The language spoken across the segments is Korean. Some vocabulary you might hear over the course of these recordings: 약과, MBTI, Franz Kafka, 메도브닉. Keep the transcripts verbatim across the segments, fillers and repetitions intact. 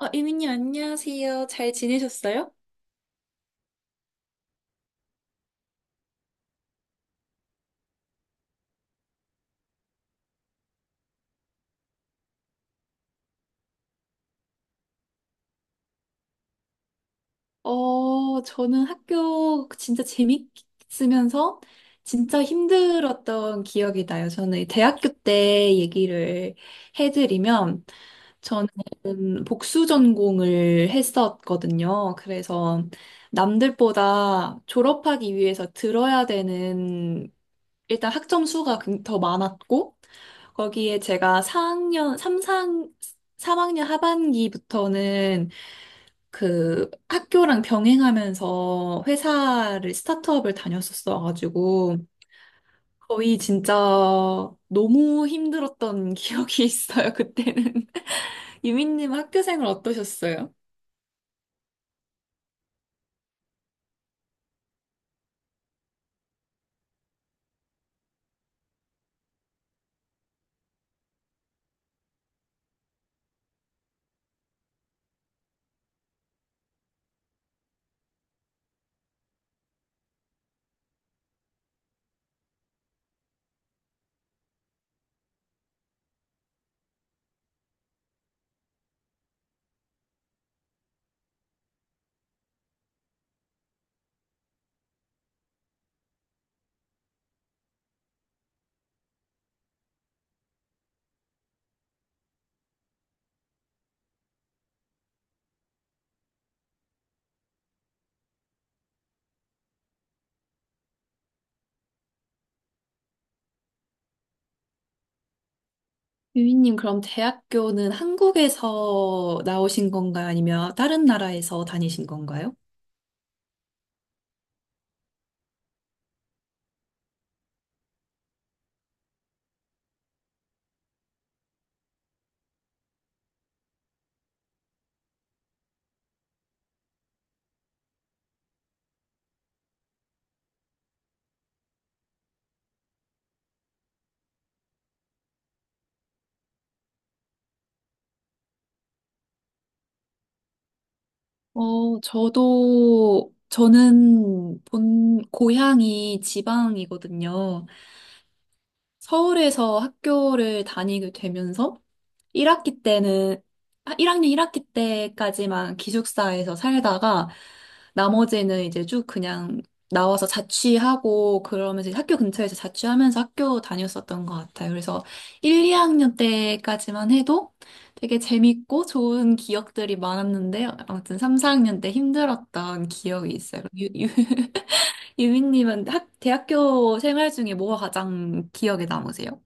아, 이민님, 안녕하세요. 잘 지내셨어요? 어, 저는 학교 진짜 재밌으면서 진짜 힘들었던 기억이 나요. 저는 대학교 때 얘기를 해드리면, 저는 복수 전공을 했었거든요. 그래서 남들보다 졸업하기 위해서 들어야 되는 일단 학점 수가 굉- 더 많았고, 거기에 제가 사학년 3, 4, 삼학년 하반기부터는 그 학교랑 병행하면서 회사를, 스타트업을 다녔었어가지고, 거의 진짜 너무 힘들었던 기억이 있어요, 그때는. 유민님 학교 생활 어떠셨어요? 유민님, 그럼 대학교는 한국에서 나오신 건가요? 아니면 다른 나라에서 다니신 건가요? 어, 저도, 저는 본, 고향이 지방이거든요. 서울에서 학교를 다니게 되면서 일 학기 때는, 아, 일 학년 일 학기 때까지만 기숙사에서 살다가 나머지는 이제 쭉 그냥 나와서 자취하고 그러면서 이제 학교 근처에서 자취하면서 학교 다녔었던 것 같아요. 그래서 일, 이 학년 때까지만 해도 되게 재밌고 좋은 기억들이 많았는데 아무튼 삼, 사 학년 때 힘들었던 기억이 있어요. 유, 유, 유민님은 학, 대학교 생활 중에 뭐가 가장 기억에 남으세요?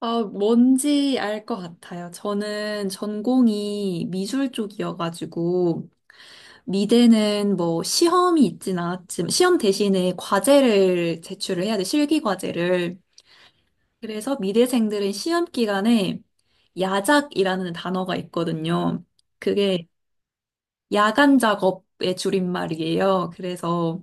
아, 뭔지 알 것 같아요. 저는 전공이 미술 쪽이어가지고, 미대는 뭐 시험이 있진 않았지만, 시험 대신에 과제를 제출을 해야 돼, 실기 과제를. 그래서 미대생들은 시험 기간에 야작이라는 단어가 있거든요. 그게 야간 작업의 줄임말이에요. 그래서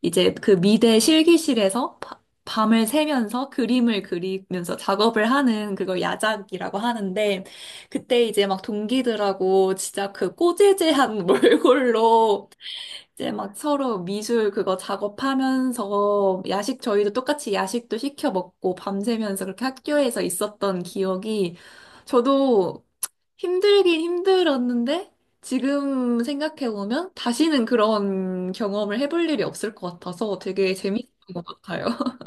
이제 그 미대 실기실에서 바- 밤을 새면서 그림을 그리면서 작업을 하는 그걸 야작이라고 하는데 그때 이제 막 동기들하고 진짜 그 꼬재재한 몰골로 이제 막 서로 미술 그거 작업하면서 야식 저희도 똑같이 야식도 시켜 먹고 밤새면서 그렇게 학교에서 있었던 기억이 저도 힘들긴 힘들었는데 지금 생각해보면 다시는 그런 경험을 해볼 일이 없을 것 같아서 되게 재밌었던 것 같아요.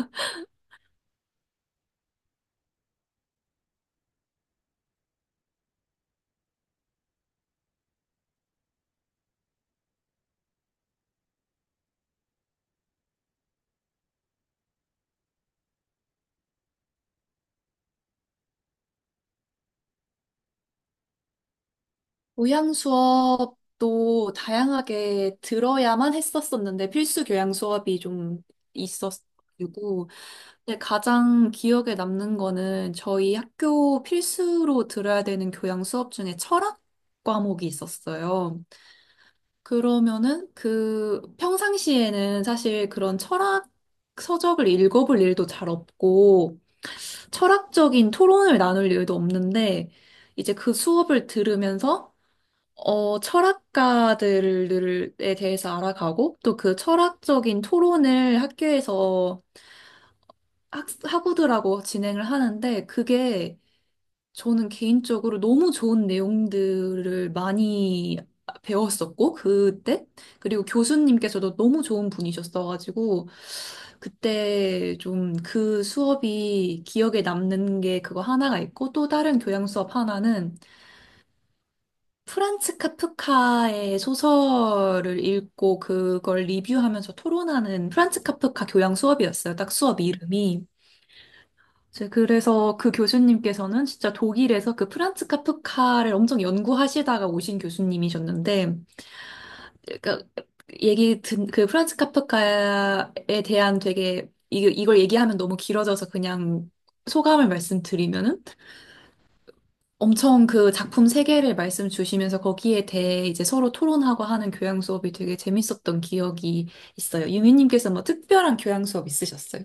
교양 수업도 다양하게 들어야만 했었었는데 필수 교양 수업이 좀 있었고 근데 가장 기억에 남는 거는 저희 학교 필수로 들어야 되는 교양 수업 중에 철학 과목이 있었어요. 그러면은 그 평상시에는 사실 그런 철학 서적을 읽어볼 일도 잘 없고 철학적인 토론을 나눌 일도 없는데 이제 그 수업을 들으면서 어, 철학가들에 대해서 알아가고 또 그 철학적인 토론을 학교에서 학, 학우들하고 진행을 하는데 그게 저는 개인적으로 너무 좋은 내용들을 많이 배웠었고, 그때? 그리고 교수님께서도 너무 좋은 분이셨어가지고, 그때 좀 그 수업이 기억에 남는 게 그거 하나가 있고, 또 다른 교양 수업 하나는 프란츠 카프카의 소설을 읽고 그걸 리뷰하면서 토론하는 프란츠 카프카 교양 수업이었어요. 딱 수업 이름이. 제 그래서 그 교수님께서는 진짜 독일에서 그 프란츠 카프카를 엄청 연구하시다가 오신 교수님이셨는데, 그러니까 얘기 든, 그 프란츠 카프카에 대한 되게, 이, 이걸 얘기하면 너무 길어져서 그냥 소감을 말씀드리면은 엄청 그 작품 세계를 말씀 주시면서 거기에 대해 이제 서로 토론하고 하는 교양 수업이 되게 재밌었던 기억이 있어요. 유미님께서 뭐 특별한 교양 수업 있으셨어요?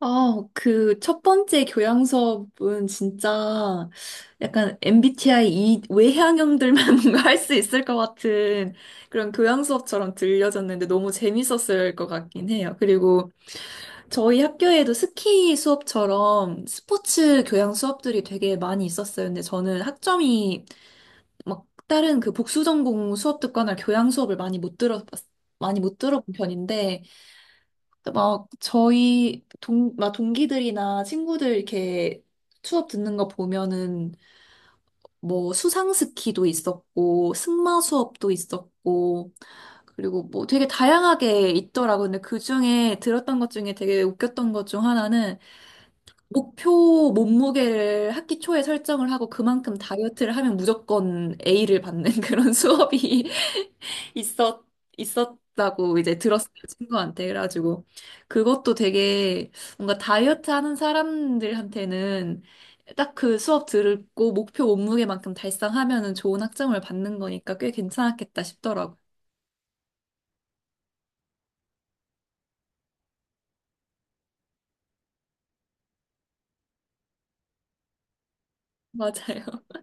아, 그 첫 번째 교양 수업은 진짜 약간 엠비티아이 이 외향형들만 뭔가 할 수 있을 것 같은 그런 교양 수업처럼 들려졌는데 너무 재밌었을 것 같긴 해요. 그리고 저희 학교에도 스키 수업처럼 스포츠 교양 수업들이 되게 많이 있었어요. 근데 저는 학점이 막 다른 그 복수 전공 수업 듣거나 교양 수업을 많이 못 들어 많이 못 들어본 편인데 막 저희 동, 막 동기들이나 친구들 이렇게 수업 듣는 거 보면은 뭐 수상 스키도 있었고 승마 수업도 있었고 그리고 뭐 되게 다양하게 있더라고요. 근데 그 중에 들었던 것 중에 되게 웃겼던 것 중 하나는 목표 몸무게를 학기 초에 설정을 하고 그만큼 다이어트를 하면 무조건 A를 받는 그런 수업이 있었, 있었다고 이제 들었어요, 친구한테. 그래가지고 그것도 되게 뭔가 다이어트 하는 사람들한테는 딱 그 수업 들고 목표 몸무게만큼 달성하면은 좋은 학점을 받는 거니까 꽤 괜찮았겠다 싶더라고요. 맞아요.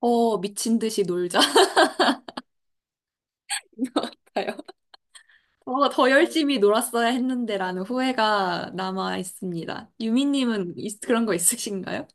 어, 미친 듯이 놀자. 같아요. 어, 더 열심히 놀았어야 했는데라는 후회가 남아 있습니다. 유미님은 있- 그런 거 있으신가요?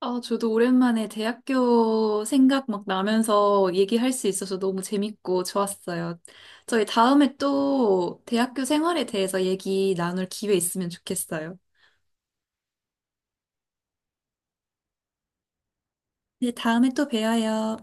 아, 저도 오랜만에 대학교 생각 막 나면서 얘기할 수 있어서 너무 재밌고 좋았어요. 저희 다음에 또 대학교 생활에 대해서 얘기 나눌 기회 있으면 좋겠어요. 네, 다음에 또 봬요.